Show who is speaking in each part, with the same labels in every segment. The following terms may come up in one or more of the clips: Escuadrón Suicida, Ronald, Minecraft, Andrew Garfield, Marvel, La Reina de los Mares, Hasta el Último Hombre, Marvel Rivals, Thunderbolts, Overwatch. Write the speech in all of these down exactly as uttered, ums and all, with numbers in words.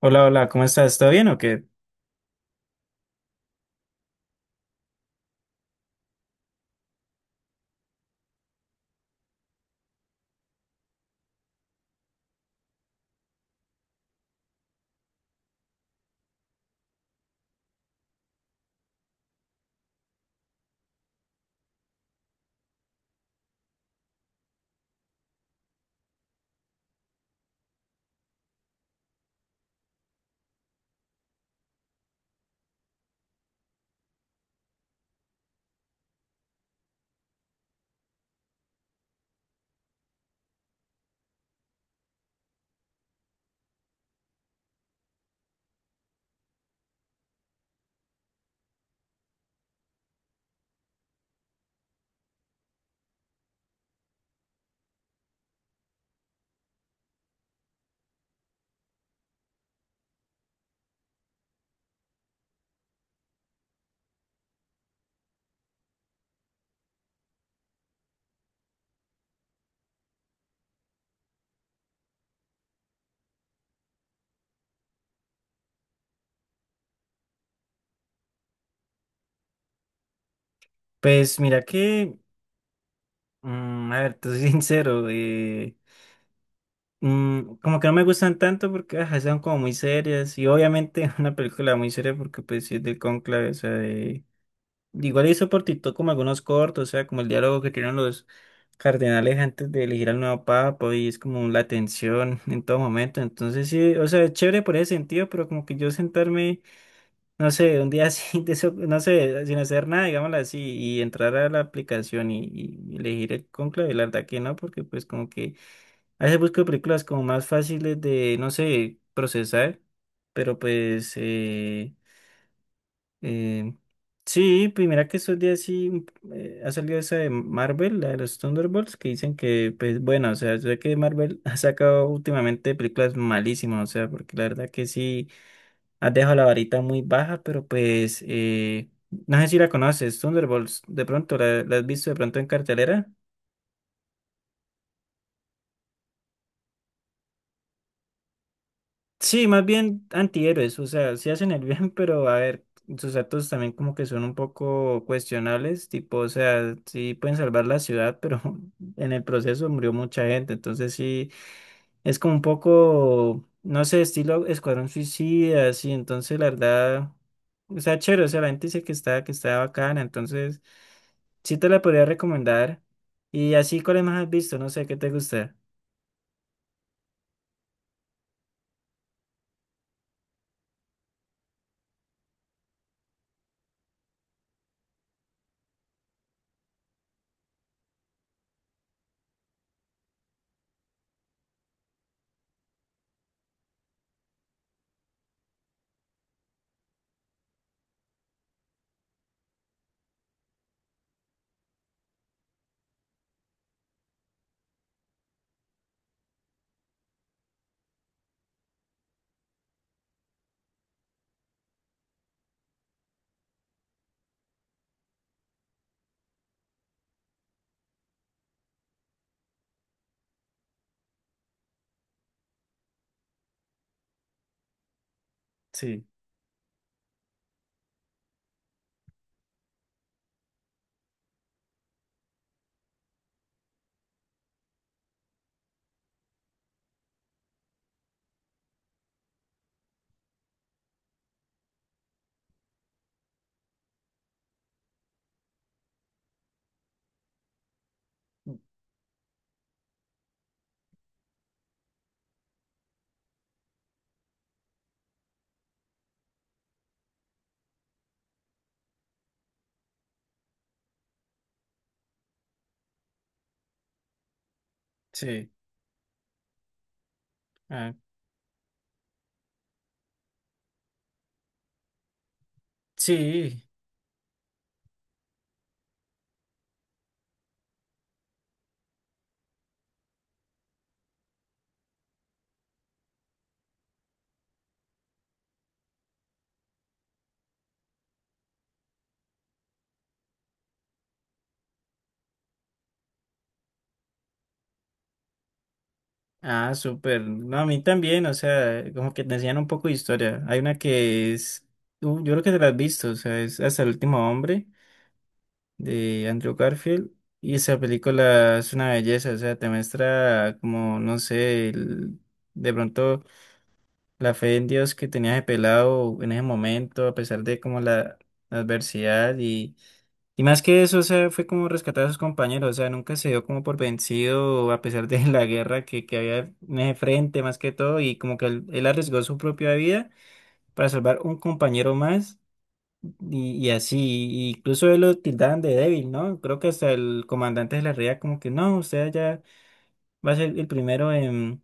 Speaker 1: Hola, hola, ¿cómo estás? ¿Todo bien o qué? Pues mira que, mm, a ver, te soy sincero, eh, mm, como que no me gustan tanto porque ajá, son como muy serias y obviamente una película muy seria porque pues sí es del cónclave, o sea, de- igual hizo por TikTok como algunos cortos, o sea, como el diálogo que tienen los cardenales antes de elegir al nuevo papa y es como la tensión en todo momento, entonces sí, o sea, es chévere por ese sentido, pero como que yo sentarme. No sé, un día así, de eso- no sé, sin hacer nada, digámoslo así, y entrar a la aplicación y, y elegir el cónclave, la verdad que no, porque pues como que a veces busco películas como más fáciles de, no sé, procesar, pero pues eh, eh, sí, pues mira que estos días sí mm, eh, ha salido esa de Marvel, la de los Thunderbolts, que dicen que, pues bueno, o sea, yo sé que Marvel ha sacado últimamente películas malísimas, o sea, porque la verdad que sí. Has dejado la varita muy baja, pero pues eh, no sé si la conoces, Thunderbolts, de pronto, ¿la, la has visto de pronto en cartelera? Sí, más bien antihéroes, o sea, sí hacen el bien, pero a ver, sus actos también como que son un poco cuestionables, tipo, o sea, sí pueden salvar la ciudad, pero en el proceso murió mucha gente, entonces sí. Es como un poco, no sé, estilo Escuadrón Suicida, así, entonces la verdad, o sea, chévere, o sea, la gente dice que está, que está bacana, entonces sí te la podría recomendar. Y así, ¿cuáles más has visto? No sé, ¿qué te gusta? Sí, sí, ah, sí, ah, súper, no, a mí también, o sea, como que te enseñan un poco de historia, hay una que es, uh, yo creo que te la has visto, o sea, es Hasta el Último Hombre, de Andrew Garfield. Y esa película es una belleza, o sea, te muestra como, no sé, el- de pronto la fe en Dios que tenía ese pelado en ese momento, a pesar de como la, la adversidad y, y más que eso, o sea, fue como rescatar a sus compañeros, o sea, nunca se dio como por vencido a pesar de la guerra que, que había en ese frente más que todo y como que él, él arriesgó su propia vida para salvar un compañero más. Y, y así, incluso él lo tildaban de débil, ¿no? Creo que hasta el comandante de la reía como que no, usted ya va a ser el primero en,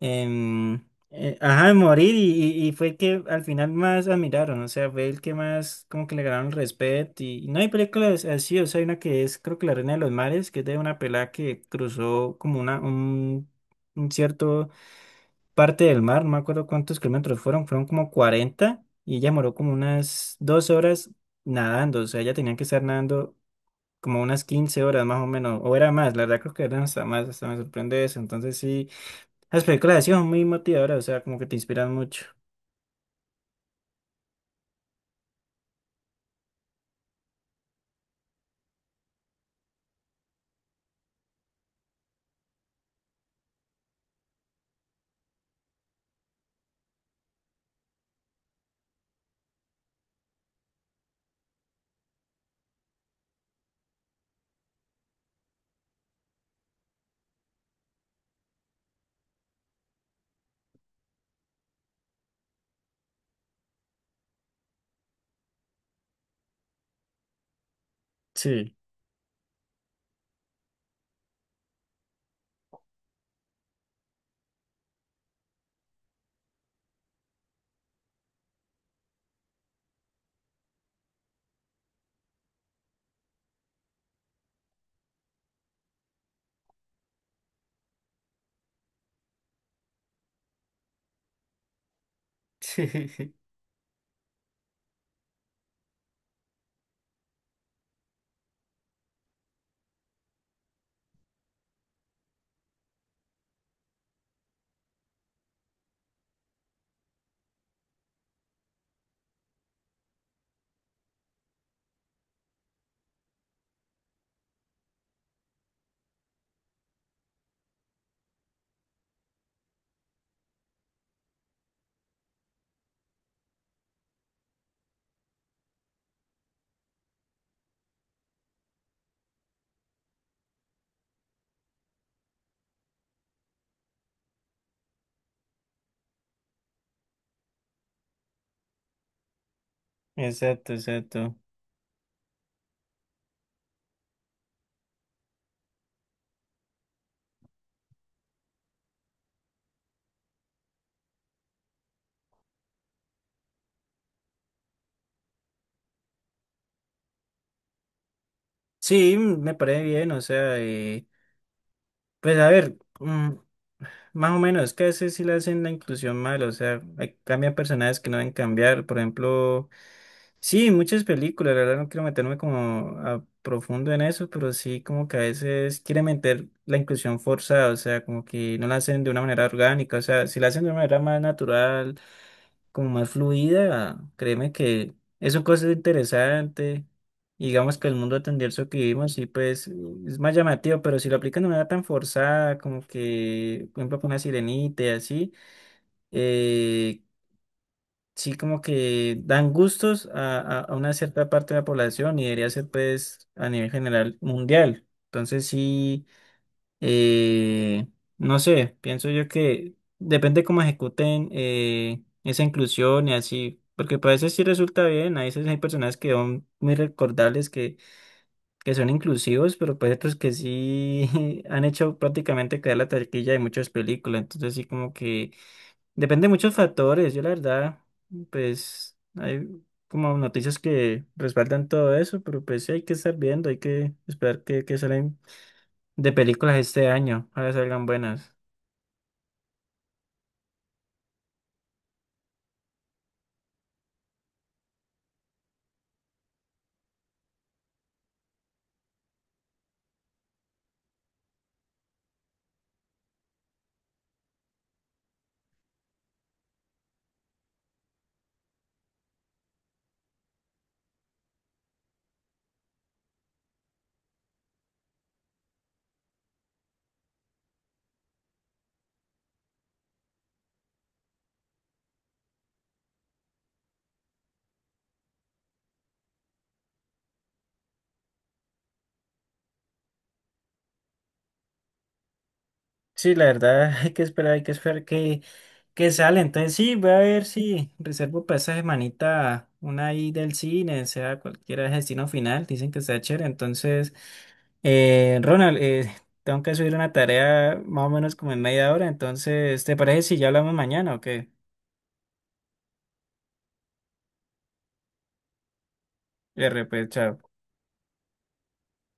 Speaker 1: en, eh, ajá, en morir y, y- y fue el que al final más admiraron, o sea, fue el que más como que le ganaron el respeto y, y no hay películas así, o sea, hay una que es creo que La Reina de los Mares, que es de una pelada que cruzó como una, un, un cierto parte del mar, no me acuerdo cuántos kilómetros fueron, fueron como cuarenta y ella moró como unas dos horas nadando, o sea, ella tenía que estar nadando como unas quince horas más o menos, o era más, la verdad creo que eran hasta más, hasta me sorprende eso, entonces sí, las películas así son muy motivadoras, o sea, como que te inspiran mucho. Sí. Exacto, exacto. Sí, me parece bien, o sea, eh, pues a ver. mm, Más o menos, es que a veces sí le hacen la inclusión mal, o sea, hay- cambian personajes que no deben cambiar, por ejemplo, sí, muchas películas, la verdad no quiero meterme como a profundo en eso, pero sí como que a veces quieren meter la inclusión forzada, o sea, como que no la hacen de una manera orgánica, o sea, si la hacen de una manera más natural como más fluida, créeme que es un cosa interesante. Y digamos que el mundo tendencioso que vivimos, sí, pues es más llamativo, pero si lo aplican de manera tan forzada, como que, por ejemplo, con una sirenita y así, eh, sí, como que dan gustos a, a, a una cierta parte de la población y debería ser, pues, a nivel general mundial. Entonces, sí. Eh, no sé, pienso yo que depende cómo ejecuten eh, esa inclusión y así, porque para veces sí resulta bien, a veces hay personas que son muy recordables, que, que son inclusivos, pero pues otros que sí han hecho prácticamente caer la taquilla de muchas películas, entonces sí como que depende de muchos factores, yo la verdad, pues hay como noticias que respaldan todo eso, pero pues sí hay que estar viendo, hay que esperar que, que salen de películas este año. Ojalá salgan buenas. Sí, la verdad, hay que esperar, hay que esperar que, que sale. Entonces sí, voy a ver si reservo para esa semanita una ahí del cine, sea cualquiera destino final. Dicen que está chévere. Entonces, eh, Ronald, eh, tengo que subir una tarea más o menos como en media hora. Entonces, ¿te parece si ya hablamos mañana o qué? R, pues, chao.